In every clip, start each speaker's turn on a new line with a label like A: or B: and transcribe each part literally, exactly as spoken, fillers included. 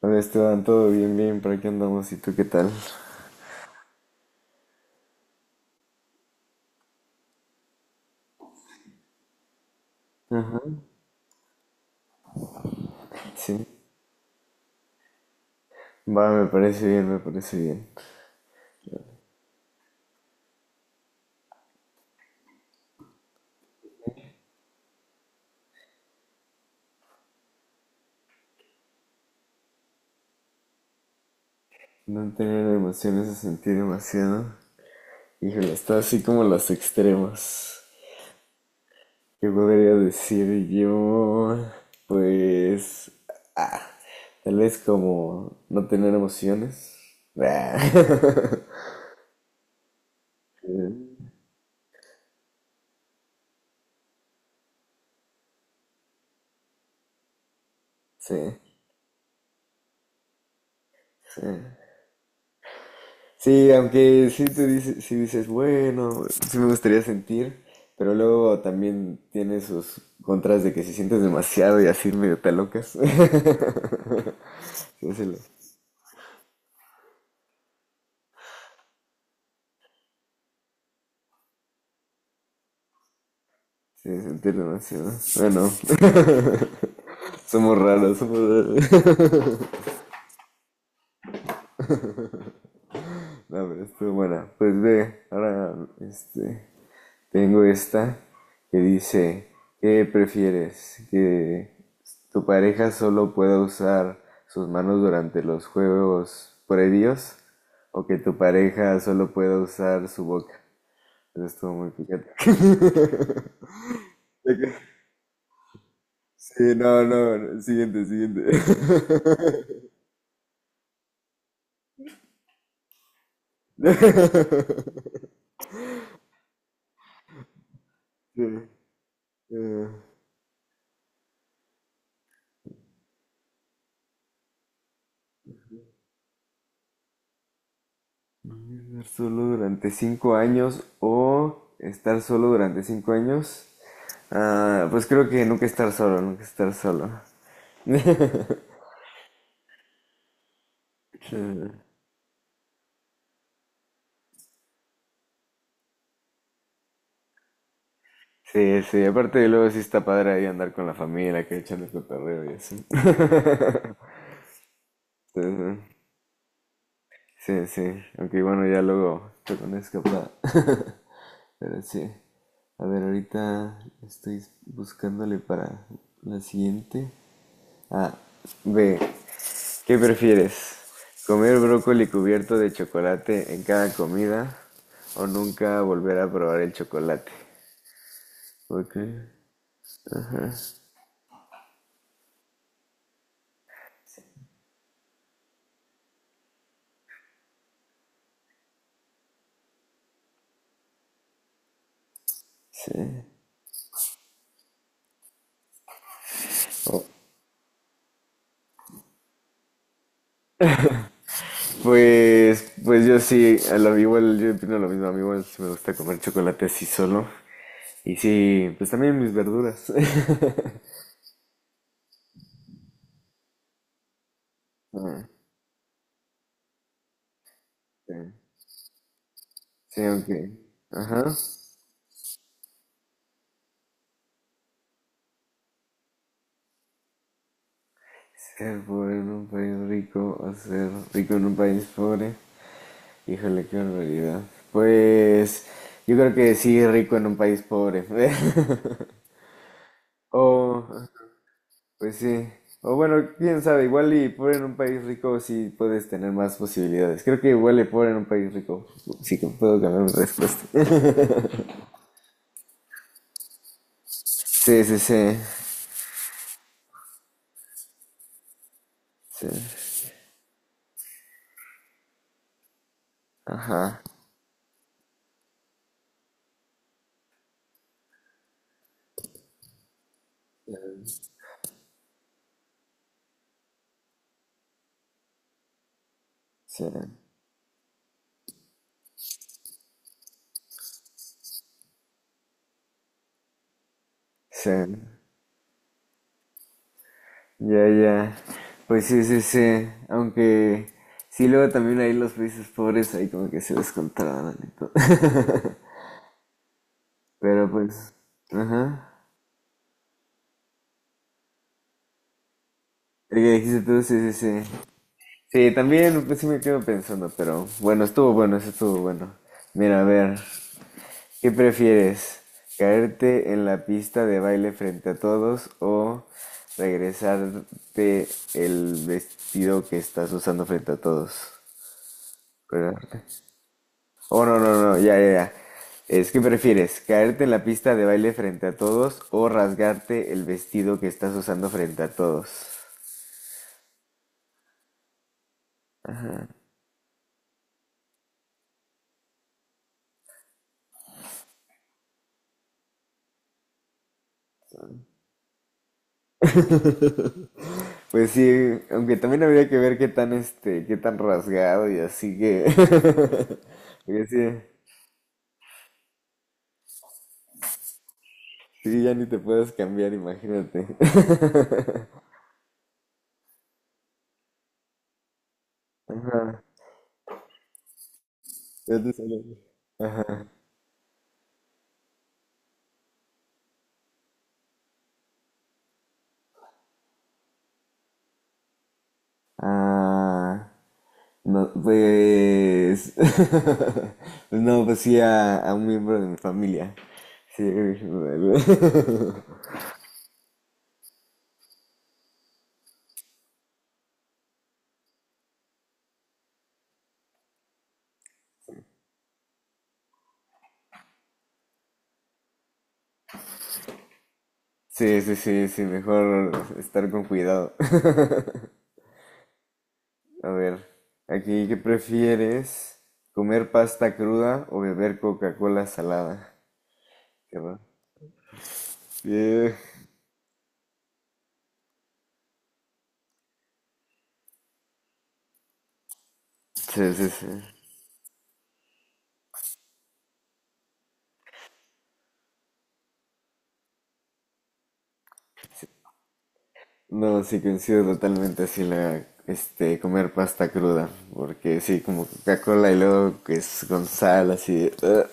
A: Hola Esteban, todo bien, bien, por aquí andamos, ¿y tú qué tal? Sí, va, me parece bien, me parece bien. No tener emociones a sentir demasiado. Híjole, está así como los extremos. ¿Qué podría decir yo? Pues, ah, tal vez como no tener emociones. Ah. Sí, sí. Sí, aunque sí te dices, sí dices, bueno, sí me gustaría sentir, pero luego también tiene sus contras de que si sientes demasiado y así medio te locas. Sí, sí, lo- sí, sentir demasiado. Bueno, somos raros, somos raros. No, pero estuvo buena. Pues ve, ahora, este, tengo esta que dice, ¿qué prefieres? ¿Que tu pareja solo pueda usar sus manos durante los juegos previos? ¿O que tu pareja solo pueda usar su boca? Eso estuvo muy picante. Sí, no, no, no, siguiente, siguiente. Sí, eh, estar solo durante cinco años o estar solo durante cinco años. Ah, pues creo que nunca estar solo, nunca estar solo. Sí, sí, aparte luego sí está padre ahí andar con la familia, que echando el cotorreo y así. Entonces, sí, sí, sí, aunque bueno, ya luego te una escapada. Pero sí, a ver, ahorita estoy buscándole para la siguiente. Ah, B, ¿qué prefieres? ¿Comer brócoli cubierto de chocolate en cada comida o nunca volver a probar el chocolate? Okay. Sí. Oh. Pues, pues yo sí, a la, igual yo opino lo mismo, a mí igual sí me gusta comer chocolate así solo. Y sí, pues también mis verduras. Ah, sí, sí, aunque. Ajá. Ser pobre en un país rico o ser rico en un país pobre. Híjole, qué barbaridad. Pues yo creo que sí, rico en un país pobre. O, pues sí. O bueno, quién sabe, igual y pobre en un país rico sí puedes tener más posibilidades. Creo que igual y pobre en un país rico. Sí que puedo cambiar mi respuesta. Sí, sí, sí. Sí. Ajá. Sí. Sí. Ya, ya. Pues sí, sí, sí. Aunque sí, luego también ahí los países pobres ahí como que se descontrolan y todo. Pero pues, ajá. El que dijiste tú, sí, sí, sí. Sí, también pues sí me quedo pensando, pero bueno, estuvo bueno, eso estuvo bueno. Mira, a ver. ¿Qué prefieres? ¿Caerte en la pista de baile frente a todos o regresarte el vestido que estás usando frente a todos? ¿Verdad? Oh, no, no, no, ya, ya, ya. Es que prefieres caerte en la pista de baile frente a todos o rasgarte el vestido que estás usando frente a todos. Pues sí, aunque también habría que ver qué tan este, qué tan rasgado y así que. Porque sí, sí, ya ni te puedes cambiar, imagínate. Ajá. Ya te salió. Ah, no, pues, pues no, pues sí a, a, un miembro de mi familia. Sí, sí, sí, sí, sí, mejor estar con cuidado. A ver, aquí, ¿qué prefieres? ¿Comer pasta cruda o beber Coca-Cola salada? Qué raro. Sí, sí, sí. Sí. No, sí coincido totalmente así la, este, comer pasta cruda, porque sí, como Coca-Cola y luego que es con sal, así.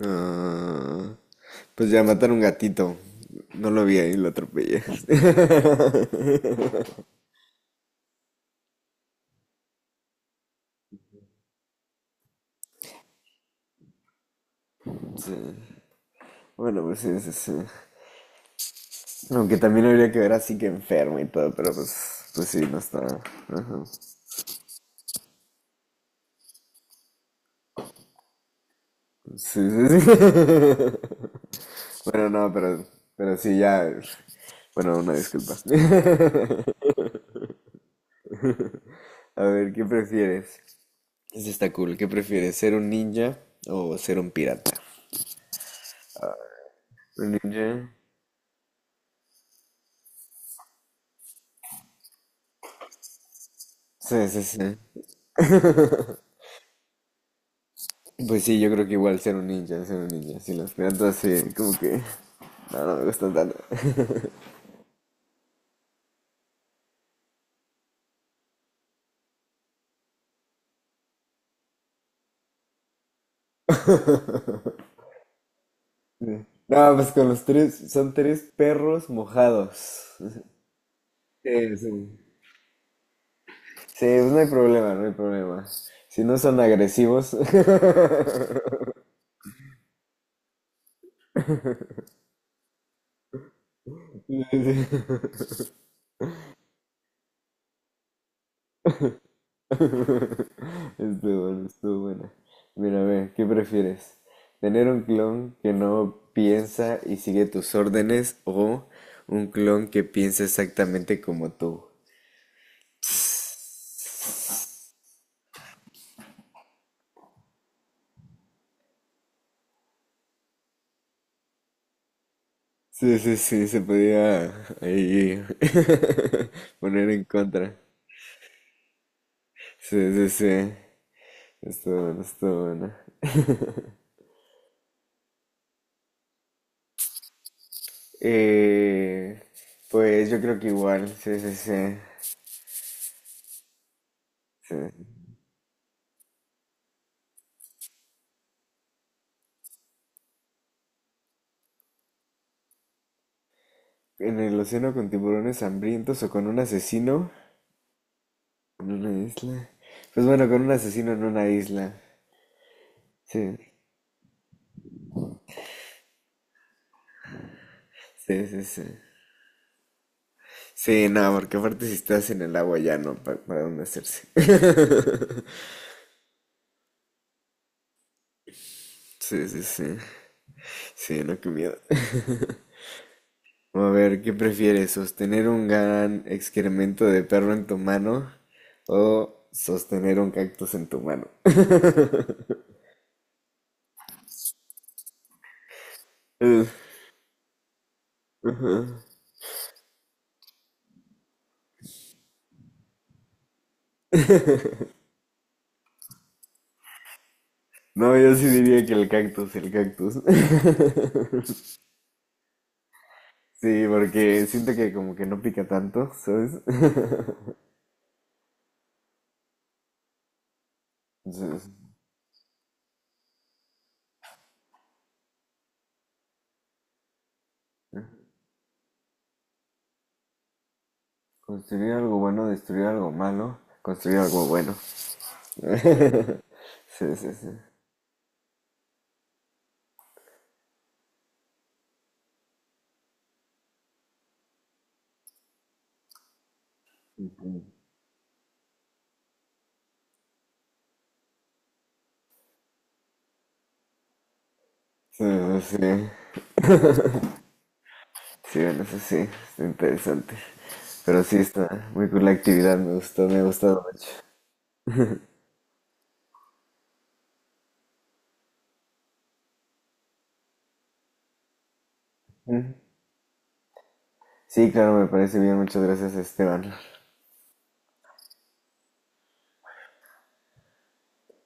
A: Ah, pues ya matar un gatito, no lo vi ahí, lo atropellé. Sí, bueno, pues sí, sí, sí. Aunque también habría que ver así que enfermo y todo, pero pues, pues sí, no está. Ajá. Sí, sí, sí. Bueno, no, pero, pero sí, ya. Bueno, una disculpa. A ver, ¿qué prefieres? Eso está cool. ¿Qué prefieres, ser un ninja o ser un pirata? Un ninja. Sí, sí, sí. Pues sí, yo creo que igual ser un ninja, ser un ninja. Sí, los piratas sí, como que... no, no me gustan tanto. Sí. No, pues con los tres, son tres perros mojados. Sí, sí. Sí, pues no hay problema, no hay problema. Si no son agresivos. Sí, sí. Estuvo bueno, estuvo buena. Mira, a ver, ¿qué prefieres? ¿Tener un clon que no piensa y sigue tus órdenes o un clon que piensa exactamente como tú? Sí, sí, sí, se podía ahí poner en contra. Sí, sí, sí. Estuvo bueno, estuvo bueno. Eh, pues yo creo que igual, sí, sí, sí. Sí. ¿En el océano con tiburones hambrientos o con un asesino? En una isla. Pues bueno, con un asesino en una isla. Sí, sí, sí, sí. Sí, no, porque aparte si estás en el agua ya no, pa- para dónde hacerse. Sí, sí, sí. Sí, no, qué miedo. A ver, ¿qué prefieres? ¿Sostener un gran excremento de perro en tu mano o sostener un cactus en tu mano? Eh, ujú. No, yo sí diría que el cactus, el cactus. Sí, porque siento que como que no pica tanto, ¿sabes? Entonces, construir algo bueno, destruir algo malo, construir algo bueno. Sí, sí, sí. Sí, eso sí. Sí, bueno, eso sí, está interesante. Pero sí, está muy cool la actividad, me gustó, me ha gustado mucho. Sí, claro, me parece bien, muchas gracias, Esteban.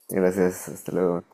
A: Gracias, hasta luego.